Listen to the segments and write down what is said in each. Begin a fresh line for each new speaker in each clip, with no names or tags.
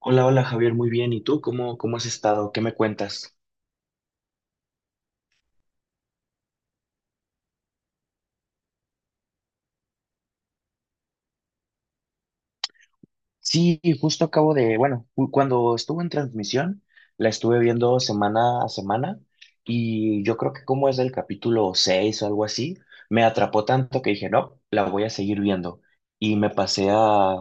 Hola, hola Javier, muy bien. ¿Y tú cómo has estado? ¿Qué me cuentas? Sí, justo acabo de, bueno, cuando estuvo en transmisión, la estuve viendo semana a semana y yo creo que como es del capítulo 6 o algo así, me atrapó tanto que dije, no, la voy a seguir viendo y me pasé a,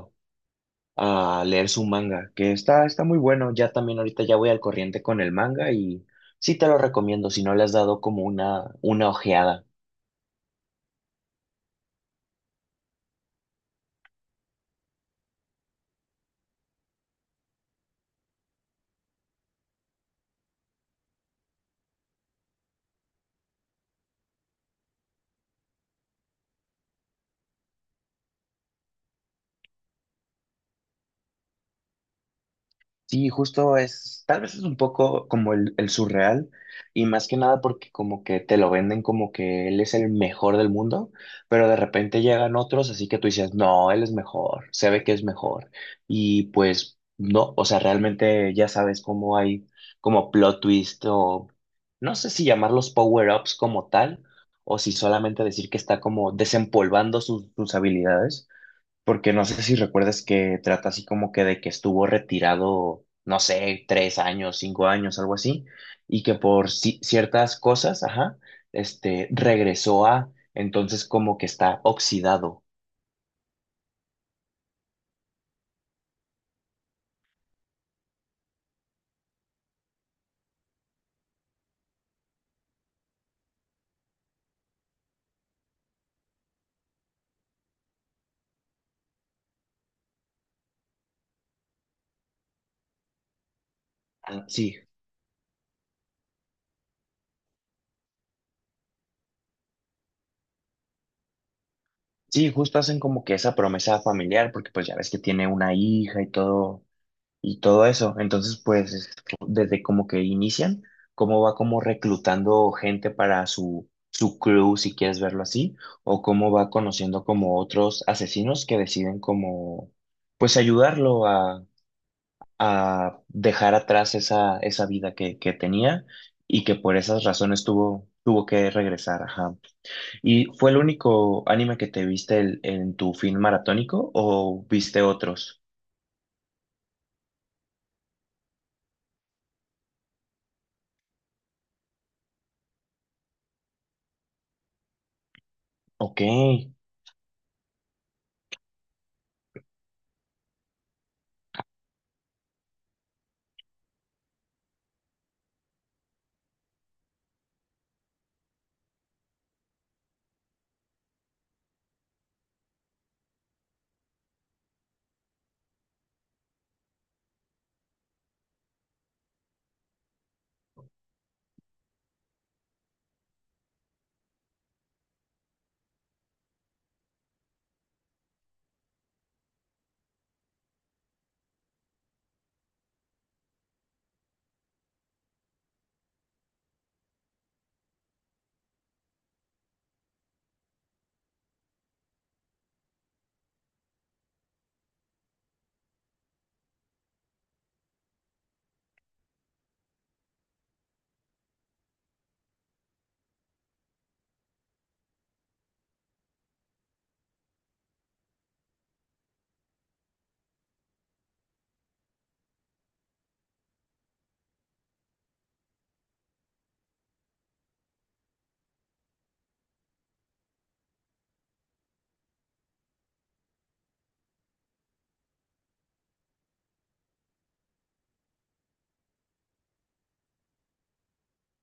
a leer su manga, que está muy bueno. Ya también ahorita ya voy al corriente con el manga y sí te lo recomiendo si no le has dado como una ojeada. Sí, justo es, tal vez es un poco como el surreal, y más que nada porque como que te lo venden como que él es el mejor del mundo, pero de repente llegan otros, así que tú dices, no, él es mejor, se ve que es mejor, y pues no, o sea, realmente ya sabes cómo hay como plot twist, o no sé si llamarlos power-ups como tal, o si solamente decir que está como desempolvando sus habilidades, porque no sé si recuerdas que trata así como que de que estuvo retirado, no sé, 3 años, 5 años, algo así, y que por ciertas cosas, ajá, este, regresó a, entonces como que está oxidado. Ah, sí, sí, justo hacen como que esa promesa familiar, porque pues ya ves que tiene una hija y todo eso. Entonces, pues, desde como que inician, cómo va como reclutando gente para su crew, si quieres verlo así, o cómo va conociendo como otros asesinos que deciden como, pues, ayudarlo a dejar atrás esa vida que tenía, y que por esas razones tuvo que regresar. Ajá. ¿Y fue el único anime que te viste en tu fin maratónico o viste otros? Ok.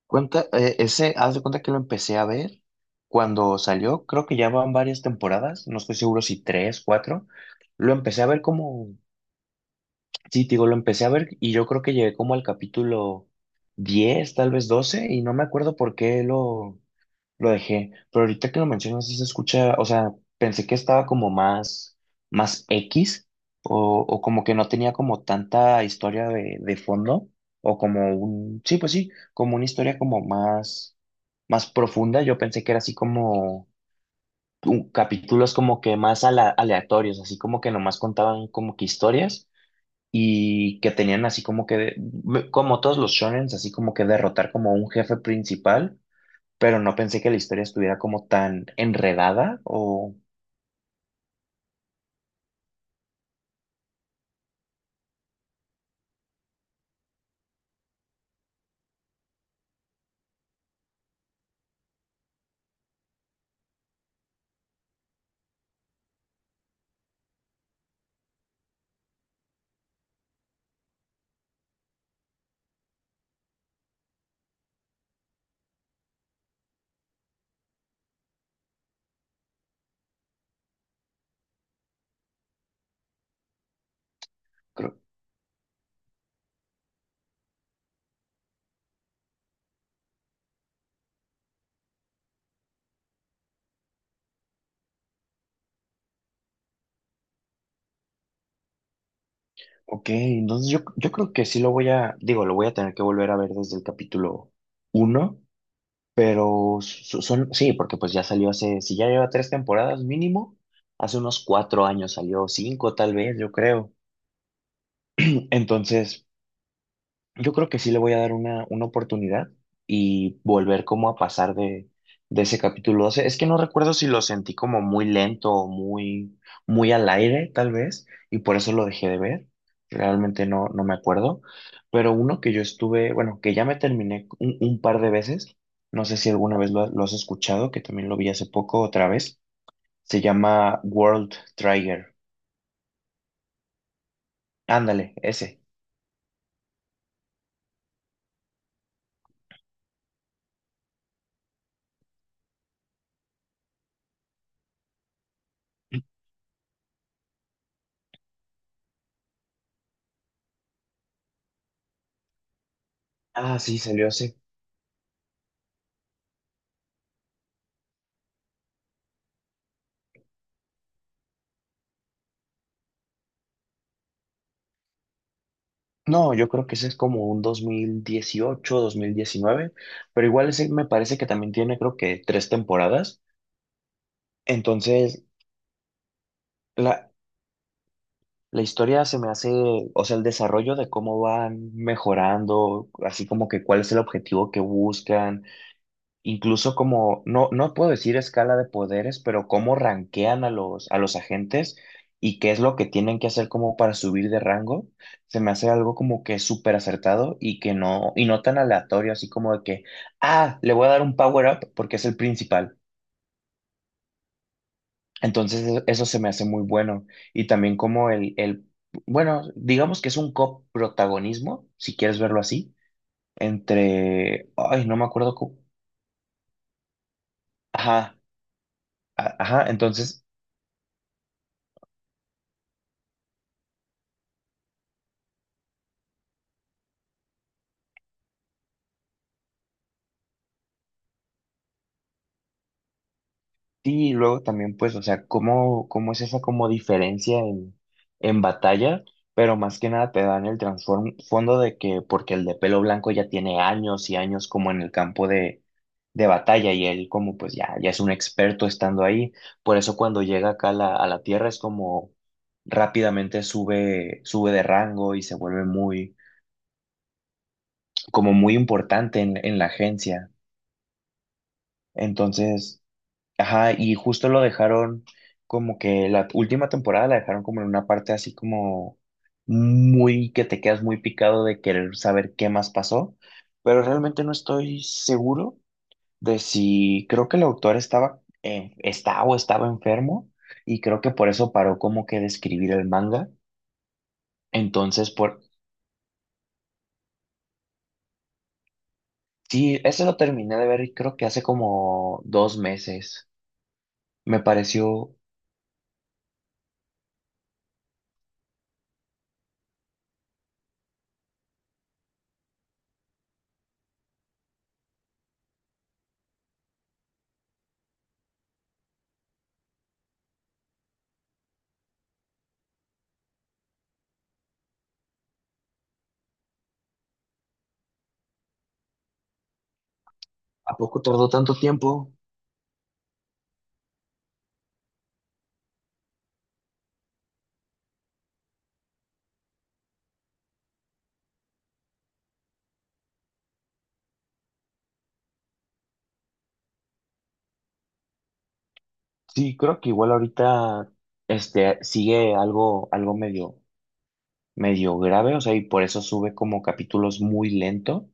Cuenta, ese, haz de cuenta que lo empecé a ver cuando salió, creo que ya van varias temporadas, no estoy seguro si tres, cuatro. Lo empecé a ver como, sí, te digo, lo empecé a ver y yo creo que llegué como al capítulo 10, tal vez 12, y no me acuerdo por qué lo dejé, pero ahorita que lo mencionas sí se escucha, o sea, pensé que estaba como más, X, o como que no tenía como tanta historia de fondo, o como un, sí, pues sí, como una historia como más profunda. Yo pensé que era así como capítulos como que más aleatorios, así como que nomás contaban como que historias, y que tenían así como que, como todos los shonens, así como que derrotar como un jefe principal, pero no pensé que la historia estuviera como tan enredada o... creo- Ok, entonces yo creo que sí lo voy a, digo, lo voy a tener que volver a ver desde el capítulo uno, pero son, sí, porque pues ya salió hace, si ya lleva tres temporadas mínimo, hace unos 4 años salió, cinco tal vez, yo creo. Entonces, yo creo que sí le voy a dar una oportunidad y volver como a pasar de ese capítulo 12. Es que no recuerdo si lo sentí como muy lento o muy, muy al aire, tal vez, y por eso lo dejé de ver. Realmente no, no me acuerdo. Pero uno que yo estuve, bueno, que ya me terminé un par de veces, no sé si alguna vez lo has escuchado, que también lo vi hace poco otra vez, se llama World Trigger. Ándale, ese. Ah, sí, salió hace, no, yo creo que ese es como un dos mil dieciocho, 2019, pero igual ese me parece que también tiene creo que tres temporadas. Entonces, la, la historia se me hace, o sea, el desarrollo de cómo van mejorando, así como que cuál es el objetivo que buscan, incluso como, no, no puedo decir escala de poderes, pero cómo rankean a los agentes y qué es lo que tienen que hacer como para subir de rango, se me hace algo como que súper acertado y que no, y no tan aleatorio, así como de que, ah, le voy a dar un power up porque es el principal. Entonces eso se me hace muy bueno. Y también como el, bueno, digamos que es un coprotagonismo, si quieres verlo así, entre, ay, no me acuerdo cómo, ajá, ajá, entonces... Sí, y luego también, pues, o sea, cómo es esa como diferencia en batalla, pero más que nada te dan el transform fondo de que, porque el de pelo blanco ya tiene años y años como en el campo de batalla, y él como pues ya, ya es un experto estando ahí. Por eso cuando llega acá a la tierra es como rápidamente sube, sube de rango y se vuelve muy, como muy importante en la agencia. Entonces. Ajá, y justo lo dejaron como que la última temporada la dejaron como en una parte así como muy, que te quedas muy picado de querer saber qué más pasó, pero realmente no estoy seguro de si, creo que el autor estaba, está o estaba enfermo, y creo que por eso paró como que de escribir el manga. Entonces, por, sí, ese lo terminé de ver y creo que hace como 2 meses. Me pareció, ¿a poco tardó tanto tiempo? Sí, creo que igual ahorita este sigue algo, medio grave, o sea, y por eso sube como capítulos muy lento.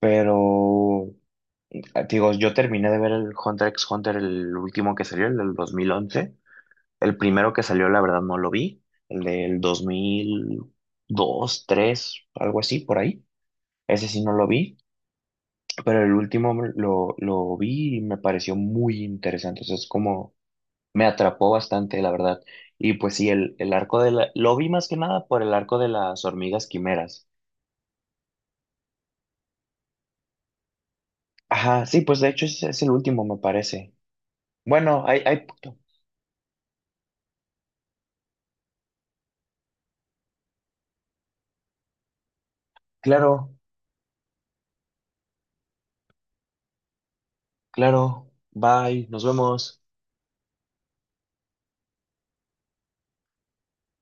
Pero, digo, yo terminé de ver el Hunter x Hunter, el último que salió, el del 2011. El primero que salió, la verdad, no lo vi. El del dos mil dos, tres, algo así, por ahí. Ese sí no lo vi, pero el último lo vi y me pareció muy interesante. O sea, es como me atrapó bastante, la verdad. Y pues sí, el, arco de la... Lo vi más que nada por el arco de las hormigas quimeras. Ajá, sí, pues de hecho es, el último, me parece. Bueno, hay... Claro, claro. Bye, nos vemos.